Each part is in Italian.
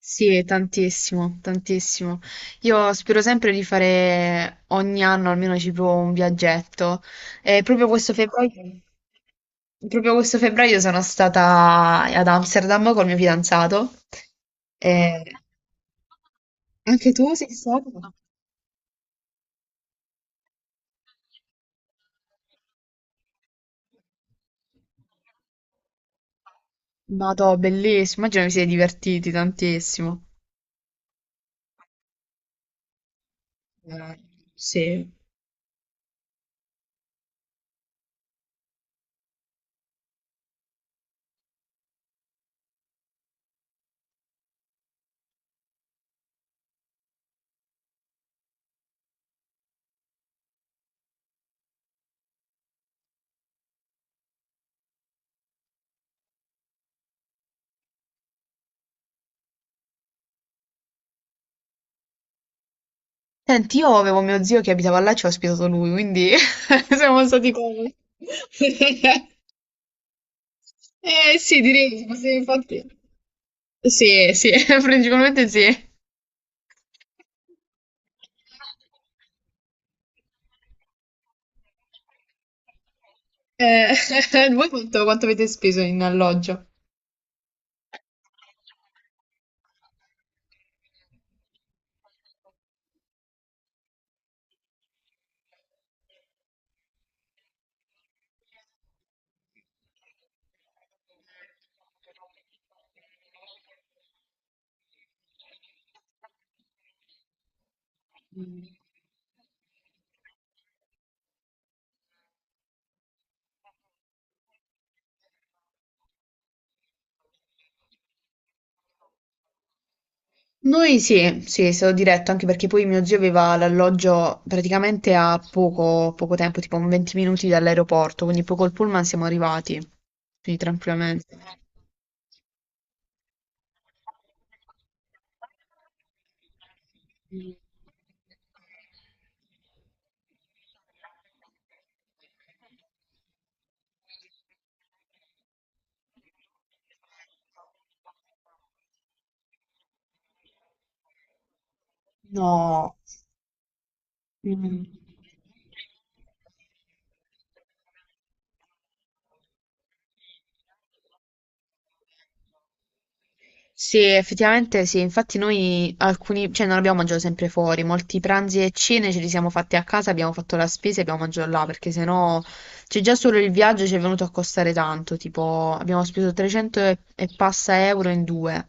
Sì, è tantissimo, tantissimo. Io spero sempre di fare ogni anno almeno ci provo un viaggetto. E proprio questo febbraio sono stata ad Amsterdam col mio fidanzato. E anche tu sei stata? Vado, bellissimo. Immagino vi siete divertiti tantissimo. Eh, sì. Senti, io avevo mio zio che abitava là e ci ha ospitato lui, quindi siamo stati comodi. Eh sì, direi, sì, infatti. Sì, sì, principalmente sì. Eh, voi quanto avete speso in alloggio? Mh. Noi sì, sì, è stato diretto anche perché poi mio zio aveva l'alloggio praticamente a poco, poco tempo, tipo un 20 minuti dall'aeroporto, quindi poi col pullman siamo arrivati, quindi tranquillamente. Mh. No. Mh. Sì, effettivamente sì, infatti noi alcuni, cioè non abbiamo mangiato sempre fuori, molti pranzi e cene ce li siamo fatti a casa, abbiamo fatto la spesa e abbiamo mangiato là, perché sennò c'è già solo il viaggio ci è venuto a costare tanto, tipo abbiamo speso 300 e passa euro in due.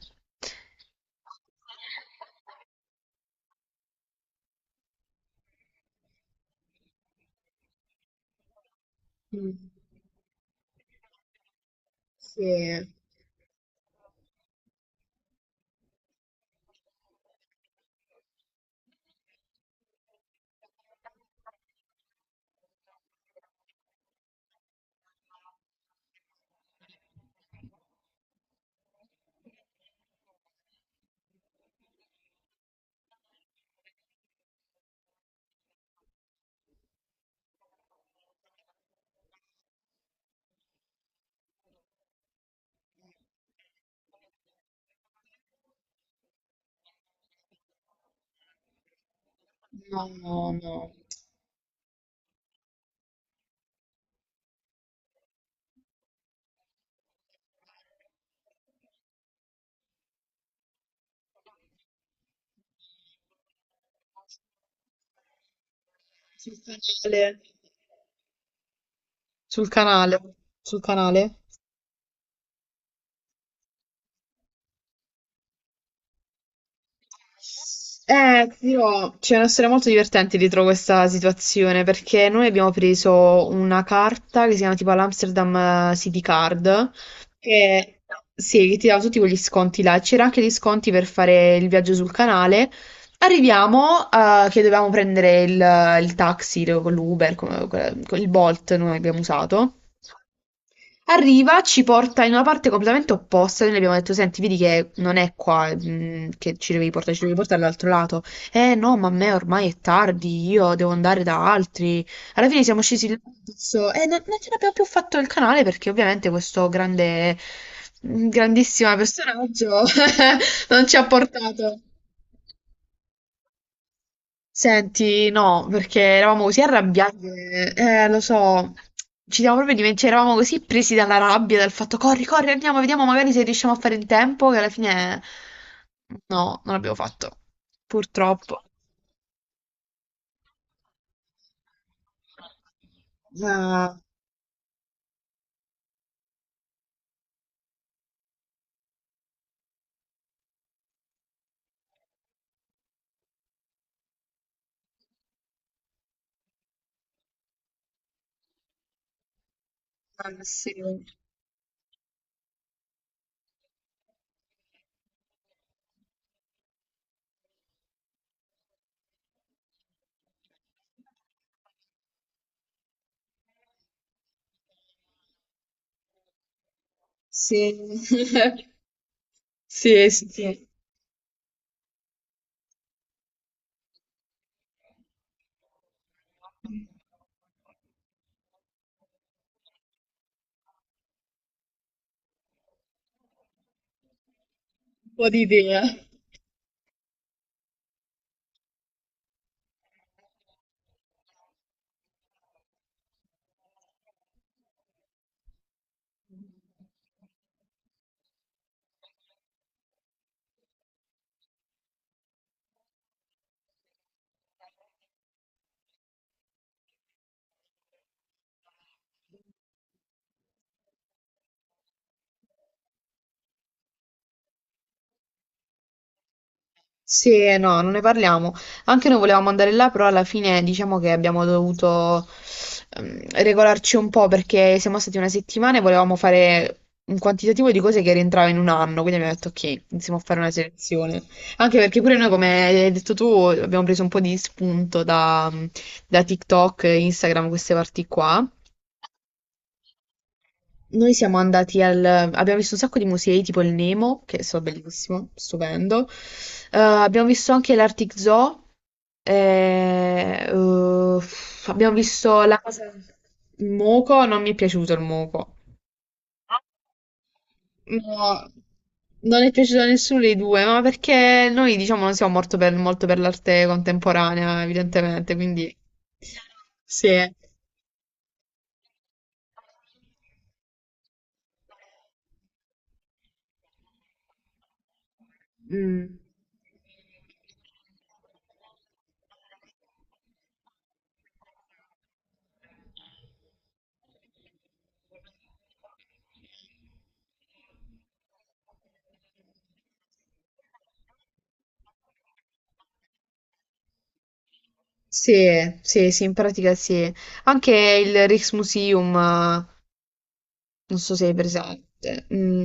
Mm. Sì. No, no, no. Sul canale, sul canale, sul canale. Ti dirò, c'è una storia molto divertente dietro questa situazione perché noi abbiamo preso una carta che si chiama tipo l'Amsterdam City Card che, sì, che ti dava tutti quegli sconti là. C'era anche gli sconti per fare il viaggio sul canale. Arriviamo, che dovevamo prendere il taxi con l'Uber, con il Bolt noi abbiamo usato. Arriva, ci porta in una parte completamente opposta. Noi le abbiamo detto: senti, vedi che non è qua, mm, che ci devi portare all'altro lato. Eh no, ma a me ormai è tardi, io devo andare da altri. Alla fine siamo scesi là adesso, e non ce l'abbiamo più fatto il canale perché ovviamente questo grande, grandissimo personaggio non ci ha portato. Senti, no, perché eravamo così arrabbiati, che- lo so, ci siamo proprio dimenticati, eravamo così presi dalla rabbia, dal fatto corri, corri, andiamo, vediamo magari se riusciamo a fare in tempo, che alla fine no, non l'abbiamo fatto, purtroppo. Ah, ah, sì. Sì. Sì, sì, sì. Un po' di idea. Sì, no, non ne parliamo. Anche noi volevamo andare là, però alla fine diciamo che abbiamo dovuto regolarci un po' perché siamo stati una settimana e volevamo fare un quantitativo di cose che rientrava in un anno, quindi abbiamo detto ok, iniziamo a fare una selezione. Anche perché pure noi, come hai detto tu, abbiamo preso un po' di spunto da TikTok, Instagram, queste parti qua. Noi siamo andati al... abbiamo visto un sacco di musei, tipo il Nemo, che è stato bellissimo, stupendo. Abbiamo visto anche l'Arctic Zoo. Abbiamo visto la cosa... Il moco, non mi è piaciuto il moco. No, non è piaciuto a nessuno dei due, ma perché noi, diciamo, non siamo molto per l'arte contemporanea, evidentemente, quindi... Sì. Mm. Sì, sì, sì, in pratica sì. Anche il Rijksmuseum, non so se è presente, mm,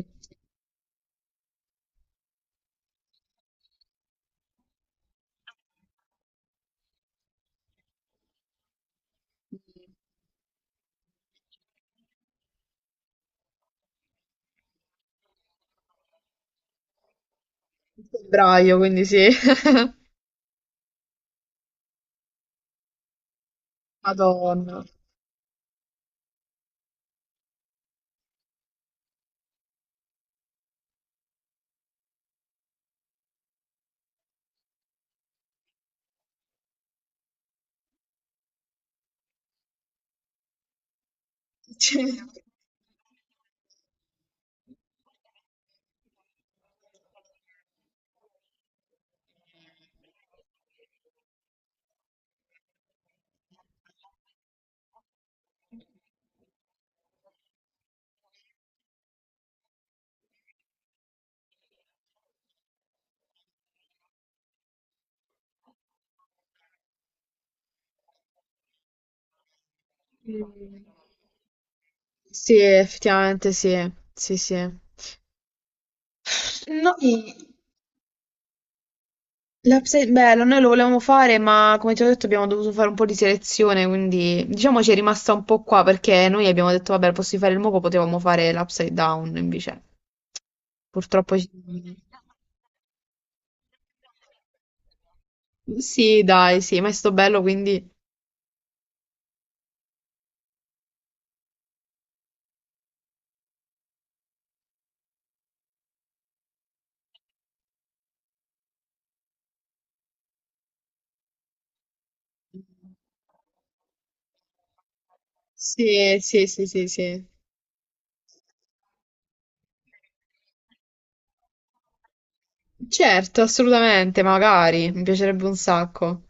in febbraio, quindi sì. Madonna. Cioè, mm, sì, effettivamente sì, sì, sì. Noi... L'Upside Bella, noi lo volevamo fare, ma come ti ho detto abbiamo dovuto fare un po' di selezione, quindi diciamo ci è rimasta un po' qua perché noi abbiamo detto vabbè, posso fare il moco, potevamo fare l'Upside Down, invece purtroppo ci... Sì, dai, sì, ma è sto bello, quindi... Sì, sì, sì, sì, sì. Certo, assolutamente, magari, mi piacerebbe un sacco.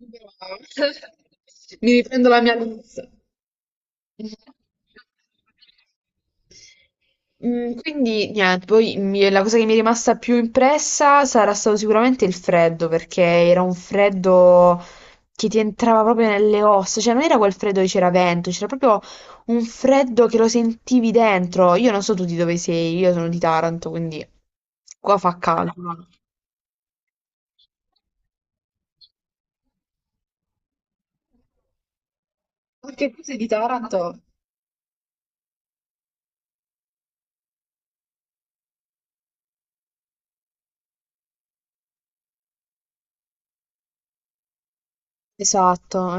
Mi riprendo la mia lista. Mm, quindi niente, poi mi- la cosa che mi è rimasta più impressa sarà stato sicuramente il freddo, perché era un freddo che ti entrava proprio nelle ossa, cioè non era quel freddo che c'era vento, c'era proprio un freddo che lo sentivi dentro. Io non so tu di dove sei, io sono di Taranto, quindi qua fa caldo. Ma- Perché tu sei di Taranto? Esatto, eh.